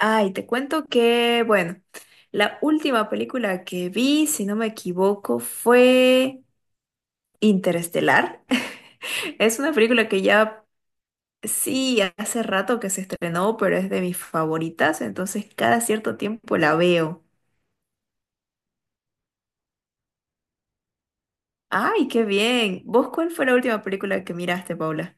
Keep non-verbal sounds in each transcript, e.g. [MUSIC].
Ay, te cuento que, bueno, la última película que vi, si no me equivoco, fue Interestelar. [LAUGHS] Es una película que ya, sí, hace rato que se estrenó, pero es de mis favoritas, entonces cada cierto tiempo la veo. Ay, qué bien. ¿Vos cuál fue la última película que miraste, Paula?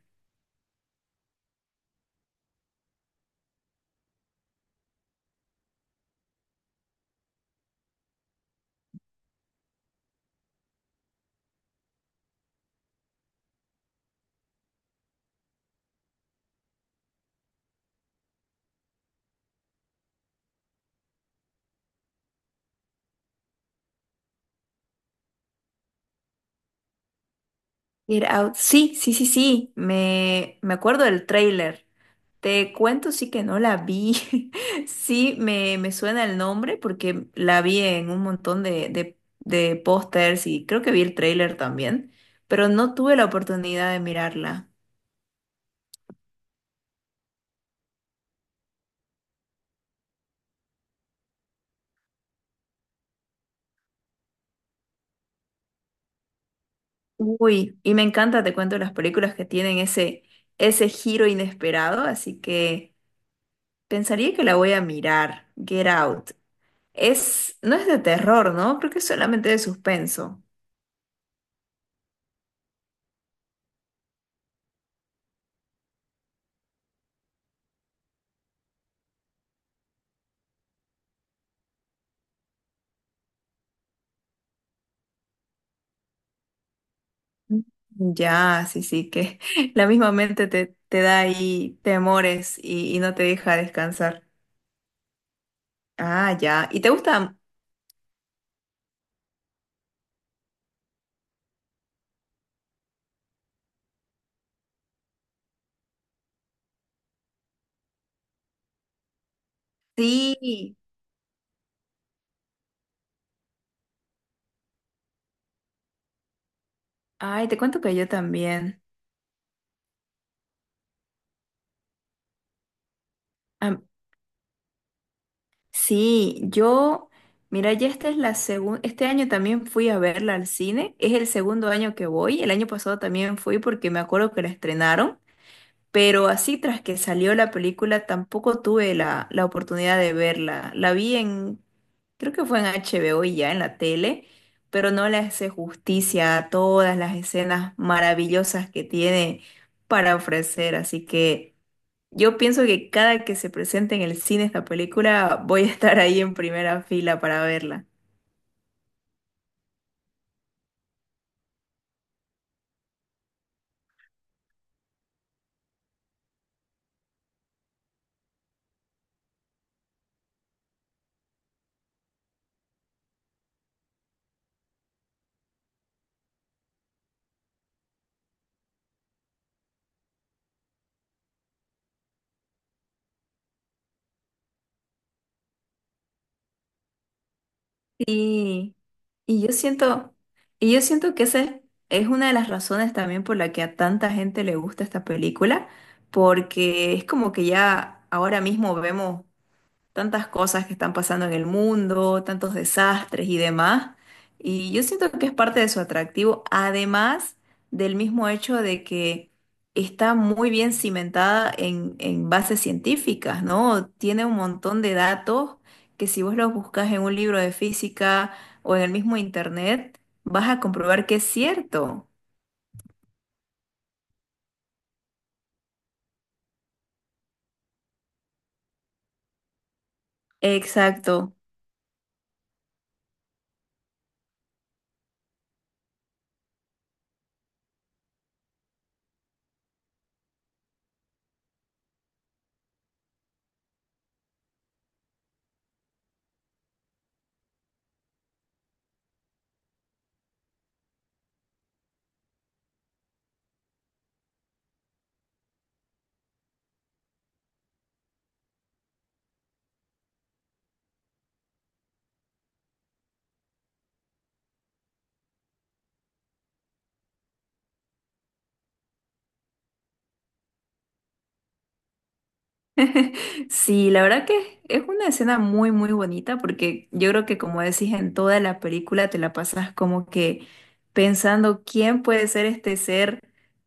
Get Out. Sí, sí, sí, sí. Me acuerdo del tráiler. Te cuento, sí que no la vi. [LAUGHS] Sí, me suena el nombre porque la vi en un montón de pósters y creo que vi el tráiler también, pero no tuve la oportunidad de mirarla. Uy, y me encanta, te cuento, las películas que tienen ese giro inesperado, así que pensaría que la voy a mirar. Get Out. Es, no es de terror, ¿no? Creo que es solamente de suspenso. Ya, sí, sí, que [LAUGHS] la misma mente te da ahí temores y no te deja descansar. Ah, ya. ¿Y te gusta? Sí. Ay, te cuento que yo también. Am- sí, yo, mira, ya esta es la segunda, este año también fui a verla al cine, es el segundo año que voy, el año pasado también fui porque me acuerdo que la estrenaron. Pero así tras que salió la película tampoco tuve la oportunidad de verla. La vi en, creo que fue en HBO y ya en la tele, pero no le hace justicia a todas las escenas maravillosas que tiene para ofrecer. Así que yo pienso que cada que se presente en el cine esta película voy a estar ahí en primera fila para verla. Sí, y yo siento, y yo siento que esa es una de las razones también por la que a tanta gente le gusta esta película, porque es como que ya ahora mismo vemos tantas cosas que están pasando en el mundo, tantos desastres y demás. Y yo siento que es parte de su atractivo, además del mismo hecho de que está muy bien cimentada en bases científicas, ¿no? Tiene un montón de datos que si vos los buscas en un libro de física o en el mismo internet, vas a comprobar que es cierto. Exacto. Sí, la verdad que es una escena muy, muy bonita porque yo creo que como decís en toda la película te la pasas como que pensando quién puede ser este ser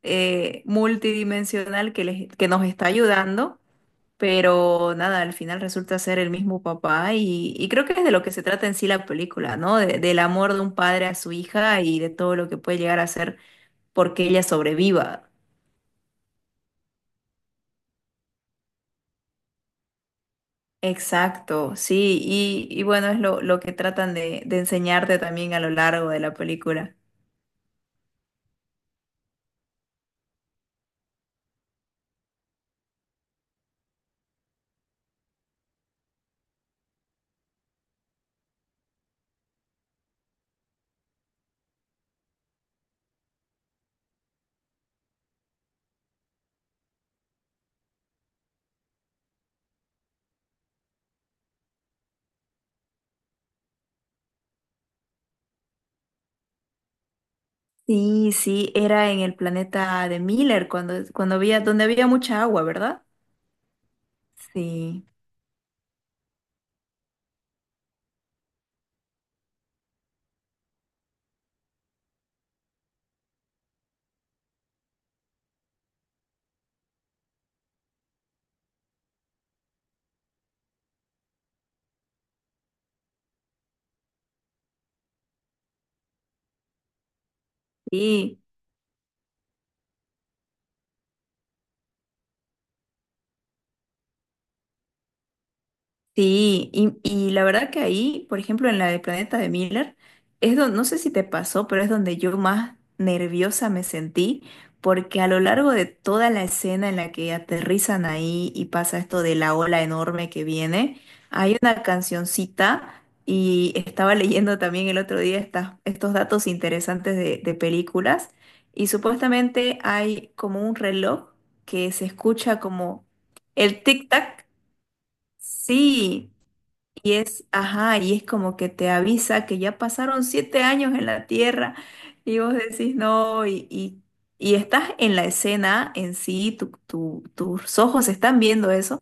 multidimensional que nos está ayudando, pero nada, al final resulta ser el mismo papá y creo que es de lo que se trata en sí la película, ¿no? Del amor de un padre a su hija y de todo lo que puede llegar a ser porque ella sobreviva. Exacto, sí, y bueno, es lo que tratan de enseñarte también a lo largo de la película. Sí, sí, era en el planeta de Miller, cuando, cuando había, donde había mucha agua, ¿verdad? Sí, sí. Sí, y la verdad que ahí, por ejemplo, en la de Planeta de Miller, es donde, no sé si te pasó, pero es donde yo más nerviosa me sentí, porque a lo largo de toda la escena en la que aterrizan ahí y pasa esto de la ola enorme que viene, hay una cancioncita y estaba [LAUGHS] leyendo también el otro día estos datos interesantes de películas y supuestamente hay como un reloj que se escucha como el tic-tac. Sí, y es, ajá, y es como que te avisa que ya pasaron siete años en la Tierra y vos decís no, y estás en la escena en sí, tus ojos están viendo eso,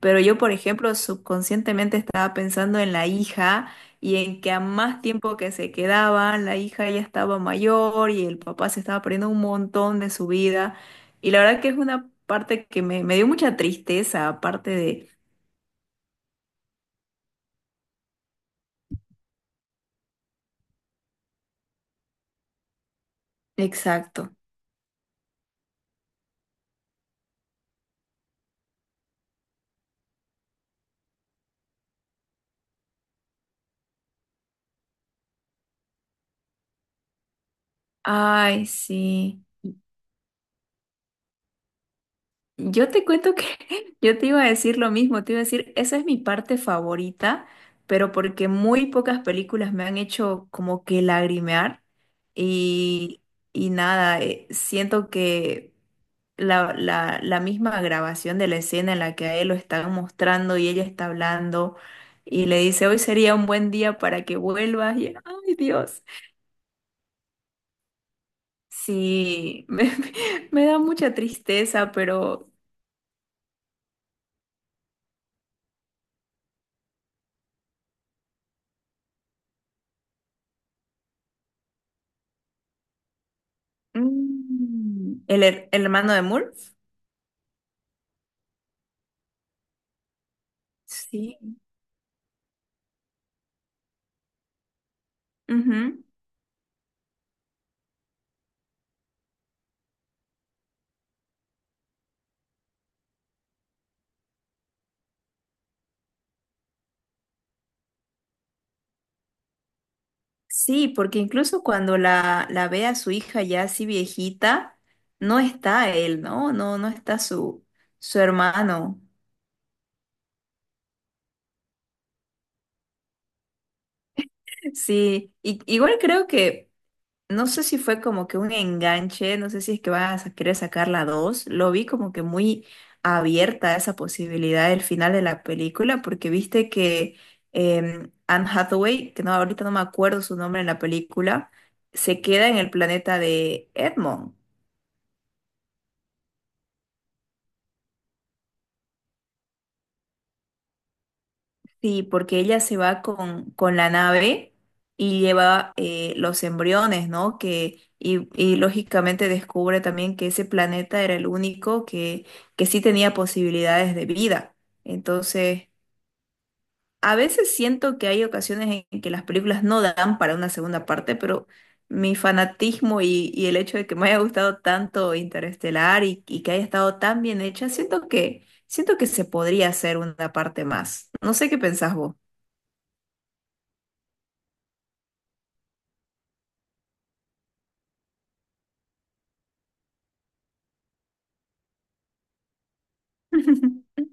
pero yo, por ejemplo, subconscientemente estaba pensando en la hija y en que a más tiempo que se quedaban, la hija ya estaba mayor y el papá se estaba perdiendo un montón de su vida. Y la verdad que es una parte que me dio mucha tristeza, aparte de... Exacto. Ay, sí. Yo te cuento que [LAUGHS] yo te iba a decir lo mismo, te iba a decir, esa es mi parte favorita, pero porque muy pocas películas me han hecho como que lagrimear y, y nada, siento que la misma grabación de la escena en la que a él lo están mostrando y ella está hablando y le dice, hoy sería un buen día para que vuelvas y, ay, Dios. Sí, [LAUGHS] me da mucha tristeza, pero... Mm, ¿el, el hermano de Murph? Sí. Ujú. Sí, porque incluso cuando la ve a su hija ya así viejita, no está él, ¿no? No, no está su, su hermano. Sí, y, igual creo que no sé si fue como que un enganche, no sé si es que vas a querer sacar la 2. Lo vi como que muy abierta a esa posibilidad del final de la película, porque viste que Anne Hathaway, que no, ahorita no me acuerdo su nombre en la película, se queda en el planeta de Edmond. Sí, porque ella se va con la nave y lleva los embriones, ¿no? Que, y lógicamente descubre también que ese planeta era el único que sí tenía posibilidades de vida. Entonces, a veces siento que hay ocasiones en que las películas no dan para una segunda parte, pero mi fanatismo y el hecho de que me haya gustado tanto Interestelar y que haya estado tan bien hecha, siento que se podría hacer una parte más. No sé qué pensás vos. [LAUGHS]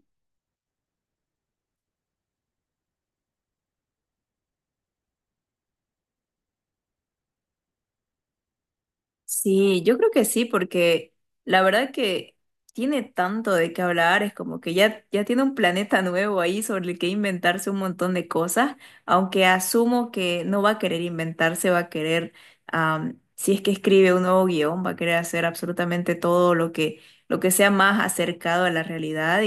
Sí, yo creo que sí, porque la verdad que tiene tanto de qué hablar, es como que ya tiene un planeta nuevo ahí sobre el que inventarse un montón de cosas, aunque asumo que no va a querer inventarse, va a querer, am, si es que escribe un nuevo guión, va a querer hacer absolutamente todo lo que sea más acercado a la realidad.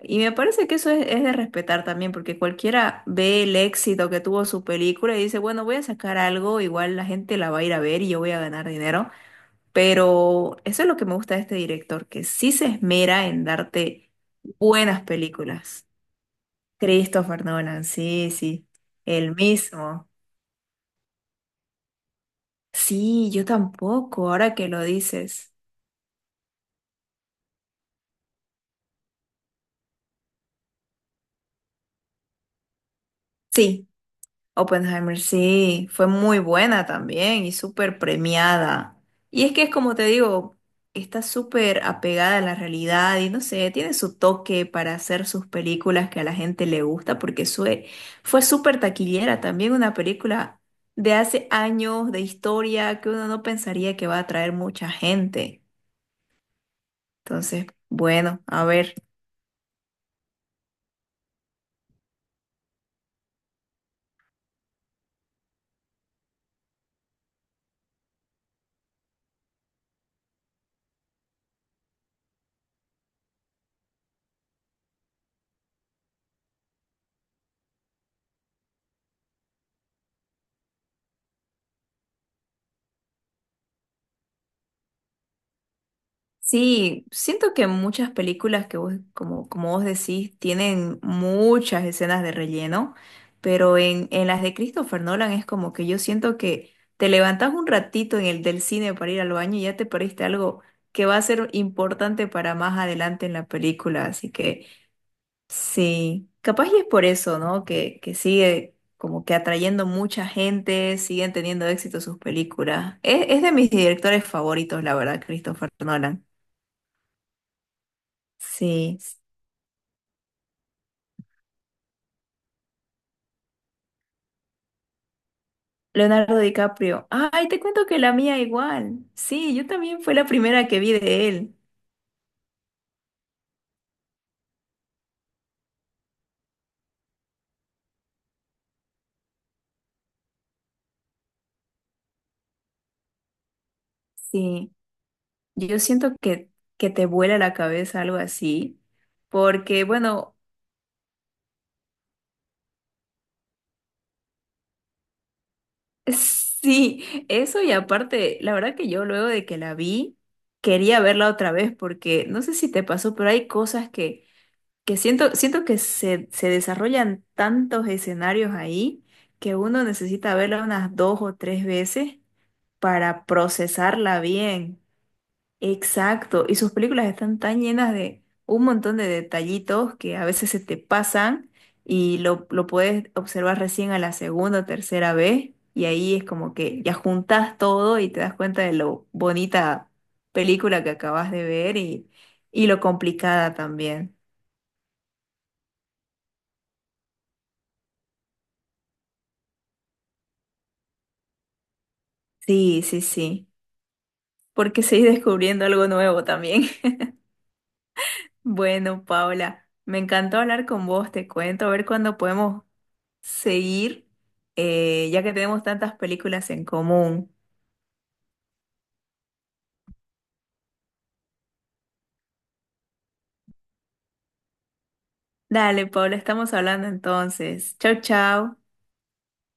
Y me parece que eso es de respetar también, porque cualquiera ve el éxito que tuvo su película y dice, bueno, voy a sacar algo, igual la gente la va a ir a ver y yo voy a ganar dinero. Pero eso es lo que me gusta de este director, que sí se esmera en darte buenas películas. Christopher Nolan, sí, sí, el mismo. Sí, yo tampoco, ahora que lo dices. Sí. Oppenheimer, sí, fue muy buena también y súper premiada. Y es que es como te digo, está súper apegada a la realidad y no sé, tiene su toque para hacer sus películas que a la gente le gusta porque fue súper taquillera también una película de hace años de historia que uno no pensaría que va a atraer mucha gente. Entonces, bueno, a ver. Sí, siento que muchas películas que vos, como, como vos decís, tienen muchas escenas de relleno, pero en las de Christopher Nolan es como que yo siento que te levantás un ratito en el del cine para ir al baño y ya te perdiste algo que va a ser importante para más adelante en la película, así que sí, capaz y es por eso, ¿no? Que sigue como que atrayendo mucha gente, siguen teniendo éxito sus películas. Es de mis directores favoritos, la verdad, Christopher Nolan. Sí, Leonardo DiCaprio. Ay, te cuento que la mía igual. Sí, yo también fue la primera que vi de él. Sí, yo siento que te vuela la cabeza algo así, porque bueno, [LAUGHS] sí, eso y aparte, la verdad que yo luego de que la vi, quería verla otra vez, porque no sé si te pasó, pero hay cosas que siento, siento que se desarrollan tantos escenarios ahí que uno necesita verla unas dos o tres veces para procesarla bien. Exacto. Y sus películas están tan llenas de un montón de detallitos que a veces se te pasan y lo puedes observar recién a la segunda o tercera vez. Y ahí es como que ya juntas todo y te das cuenta de lo bonita película que acabas de ver y lo complicada también. Sí, sí, sí, porque seguí descubriendo algo nuevo también. [LAUGHS] Bueno, Paula, me encantó hablar con vos, te cuento, a ver cuándo podemos seguir, ya que tenemos tantas películas en común. Dale, Paula, estamos hablando entonces. Chau, chau.